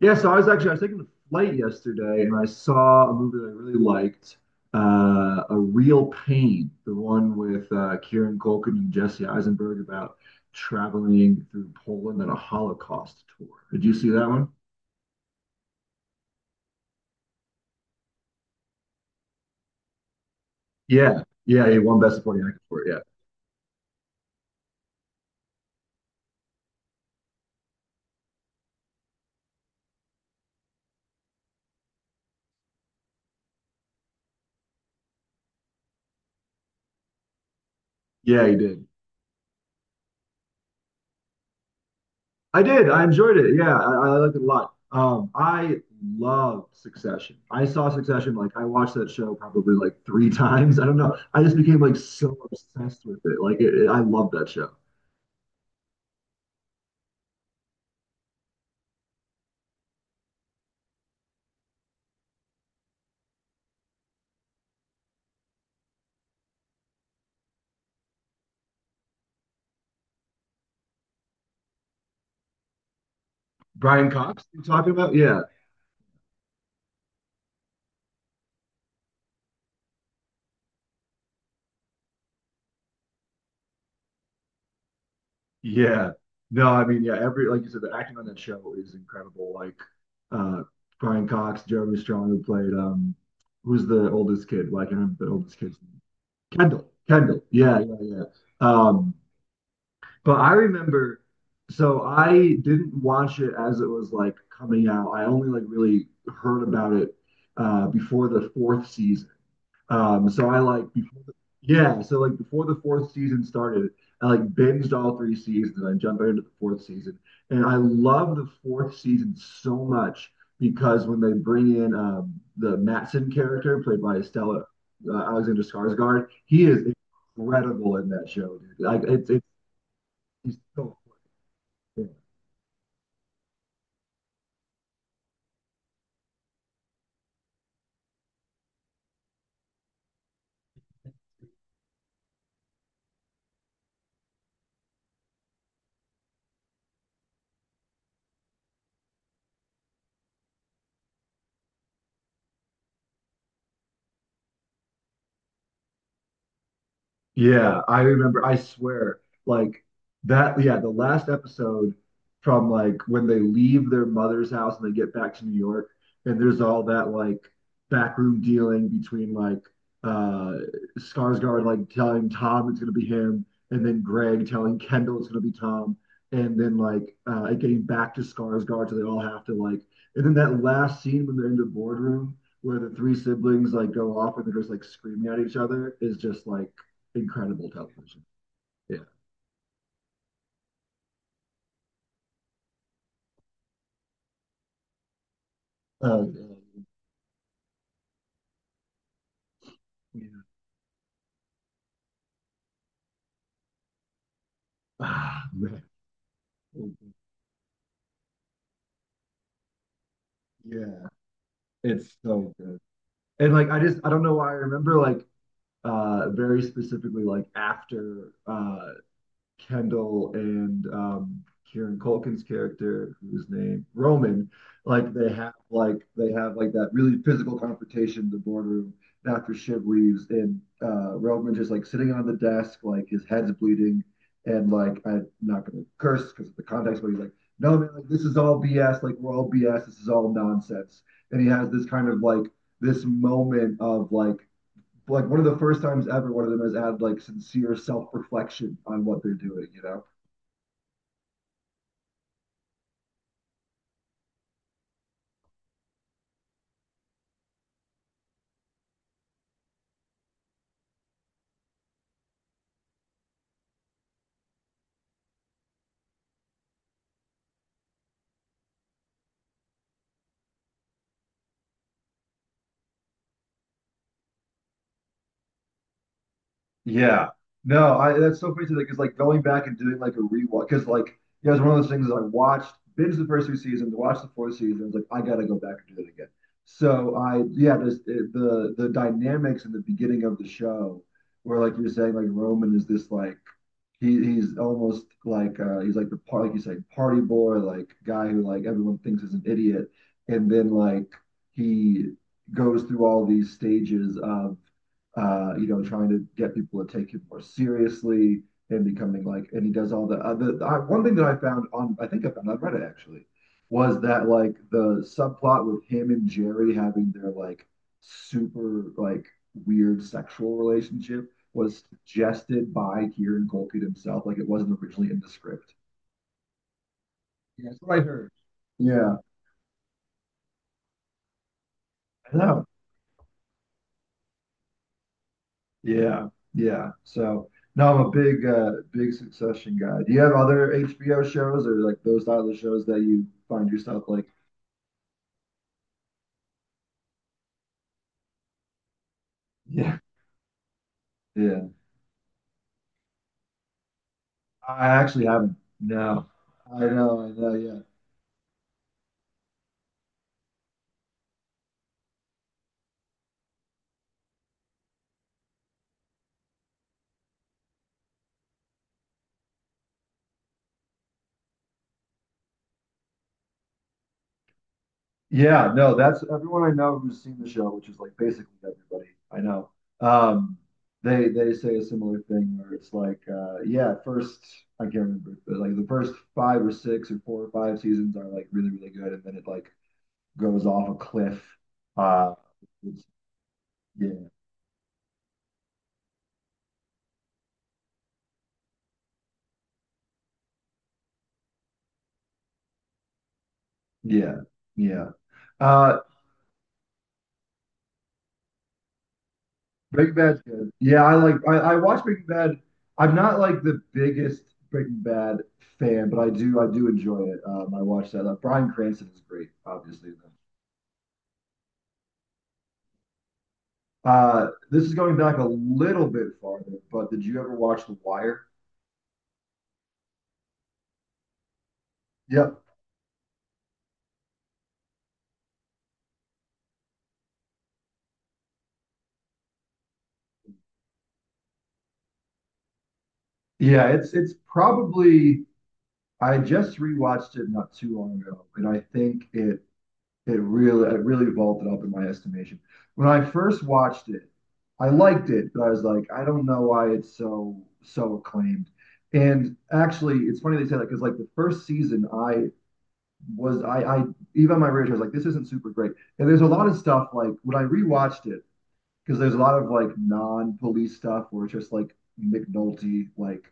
Yeah, so I was taking a flight yesterday and I saw a movie that I really liked, A Real Pain, the one with Kieran Culkin and Jesse Eisenberg about traveling through Poland on a Holocaust tour. Did you see that one? Yeah, yeah, he won Best Supporting Actor for it. Yeah, yeah, he did. I did. I enjoyed it. Yeah, I liked it a lot. I love Succession. I saw Succession like I watched that show probably like three times. I don't know. I just became like so obsessed with it. Like I love that show. Brian Cox, you talking about? Yeah, yeah. No, I mean, yeah. Every like you said, the acting on that show is incredible. Like uh, Brian Cox, Jeremy Strong, who played who's the oldest kid? Well, I can't remember the oldest kid's name. Kendall. Kendall. Yeah, yeah, yeah. Um, But I remember, so I didn't watch it as it was like coming out. I only like really heard about it before the fourth season. So I like before the, yeah, so like before the fourth season started, I like binged all three seasons, and I jumped right into the fourth season, and I love the fourth season so much because when they bring in the Matson character played by Stella Alexander Skarsgård, he is incredible in that show, dude. Like it's he's so yeah, I remember. I swear, like that. Yeah, the last episode from like when they leave their mother's house and they get back to New York, and there's all that like backroom dealing between like uh Skarsgård like telling Tom it's gonna be him, and then Greg telling Kendall it's gonna be Tom, and then like it getting back to Skarsgård, so they all have to like, and then that last scene when they're in the boardroom where the three siblings like go off and they're just like screaming at each other is just like incredible television. Yeah. Oh, yeah. Yeah. Ah, man. Yeah. It's so good. And like I just I don't know why I remember like very specifically like after Kendall and Kieran Culkin's character, whose name Roman, like they have like that really physical confrontation in the boardroom after Shiv leaves, and Roman just like sitting on the desk, like his head's bleeding, and like I'm not gonna curse because of the context, but he's like, no man, like, this is all BS, like we're all BS, this is all nonsense, and he has this kind of like this moment of like one of the first times ever one of them has had like sincere self-reflection on what they're doing, you know? Yeah. No, I that's so crazy because like going back and doing like a rewatch because like yeah, it's one of those things that I watched binge the first two seasons, watched the fourth season, I was like, I gotta go back and do it again. So I yeah, just the dynamics in the beginning of the show where like you're saying like Roman is this like he's almost like he's like the part like you say party boy like guy who like everyone thinks is an idiot and then like he goes through all these stages of you know trying to get people to take him more seriously and becoming like and he does all the other one thing that I found on I think I found on Reddit actually was that like the subplot with him and Jerry having their like super like weird sexual relationship was suggested by Kieran Culkin himself. Like it wasn't originally in the script. Yeah, that's what I heard. Yeah, I know. Yeah, yeah. So no, I'm a big, big Succession guy. Do you have other HBO shows or like those type of shows that you find yourself like? Yeah, yeah. I actually haven't. No, I know, I know. Yeah, yeah, no, that's everyone I know who's seen the show, which is like basically everybody I know. Um, they say a similar thing where it's like, yeah, first I can't remember, but like the first five or six or four or five seasons are like really really good, and then it like goes off a cliff. Uh, it's, yeah, yeah, yeah. Uh, Breaking Bad's good. Yeah, I watch Breaking Bad. I'm not like the biggest Breaking Bad fan, but I do enjoy it. I watch that. Bryan Cranston is great, obviously. This is going back a little bit farther, but did you ever watch The Wire? Yep. Yeah, it's probably I just rewatched it not too long ago, and I think it it really, it really vaulted up in my estimation. When I first watched it, I liked it, but I was like, I don't know why it's so so acclaimed. And actually, it's funny they say that because like the first season, I was I even on my radar I was like, this isn't super great. And there's a lot of stuff like when I rewatched it because there's a lot of like non-police stuff where it's just like McNulty like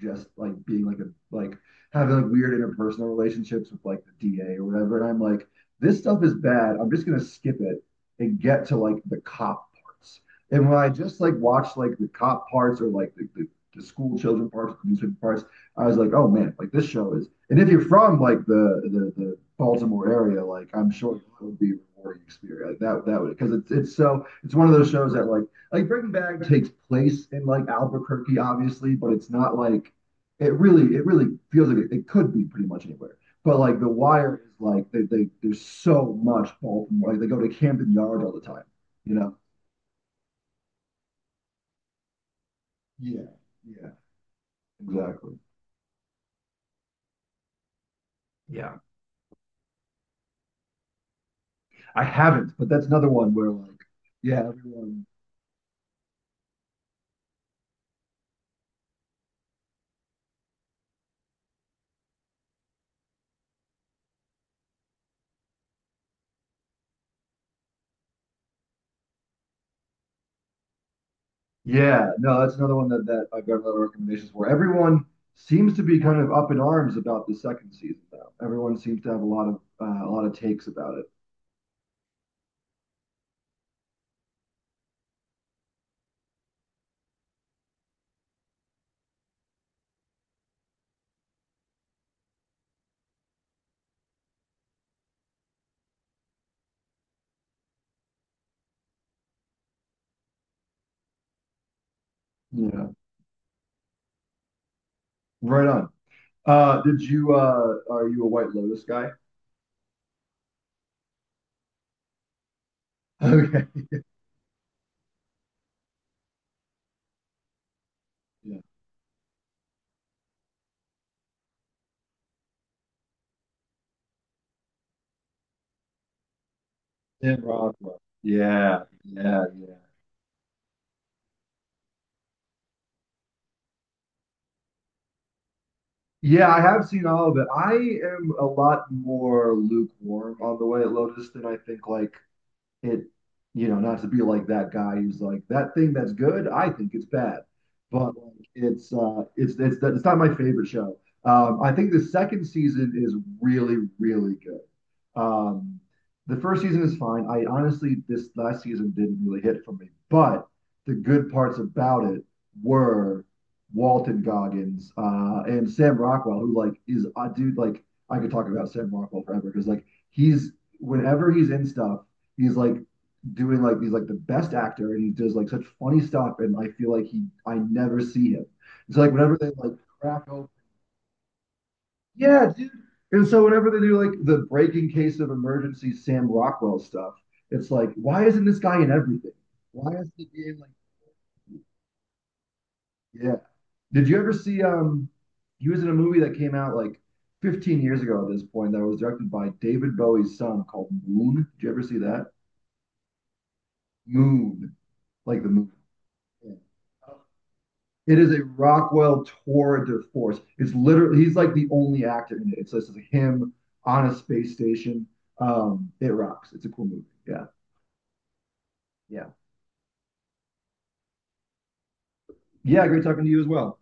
just like being like a like having like weird interpersonal relationships with like the DA or whatever. And I'm like, this stuff is bad. I'm just gonna skip it and get to like the cop parts. And when I just like watched like the cop parts or like the school children parts, the newspaper parts, I was like, oh man, like this show is. And if you're from like the Baltimore area, like I'm sure it would be a rewarding experience. Like that would because it's one of those shows that like Breaking Bad takes place in like Albuquerque, obviously, but it's not like it really feels like it could be pretty much anywhere. But like The Wire is like they there's so much Baltimore. Like they go to Camden Yards all the time, you know? Yeah, yeah, exactly. Yeah, I haven't, but that's another one where like yeah, everyone. Yeah, no, that's another one that that I've got a lot of recommendations for. Everyone seems to be kind of up in arms about the second season though. Everyone seems to have a lot of takes about it. Yeah, right on. Did you are you a White Lotus guy? Okay. Yeah. Tim Rothwell. Yeah, yeah, yeah. Yeah, I have seen all of it. I am a lot more lukewarm on the White Lotus than I think like it, you know, not to be like that guy who's like that thing that's good, I think it's bad, but like, it's not my favorite show. I think the second season is really really good. The first season is fine. I honestly this last season didn't really hit for me, but the good parts about it were Walton Goggins and Sam Rockwell, who like is a dude like I could talk about Sam Rockwell forever because like he's whenever he's in stuff he's like doing like he's like the best actor and he does like such funny stuff and I feel like he I never see him. It's like whenever they like crack open, yeah, dude. And so whenever they do like the breaking case of emergency Sam Rockwell stuff, it's like why isn't this guy in everything? Why is he being like yeah? Did you ever see um? He was in a movie that came out like 15 years ago at this point that was directed by David Bowie's son called Moon. Did you ever see that? Moon, like the moon. Yeah. It is a Rockwell tour de force. It's literally he's like the only actor in it. It's just him on a space station. It rocks. It's a cool movie. Yeah, yeah, yeah. Great talking to you as well.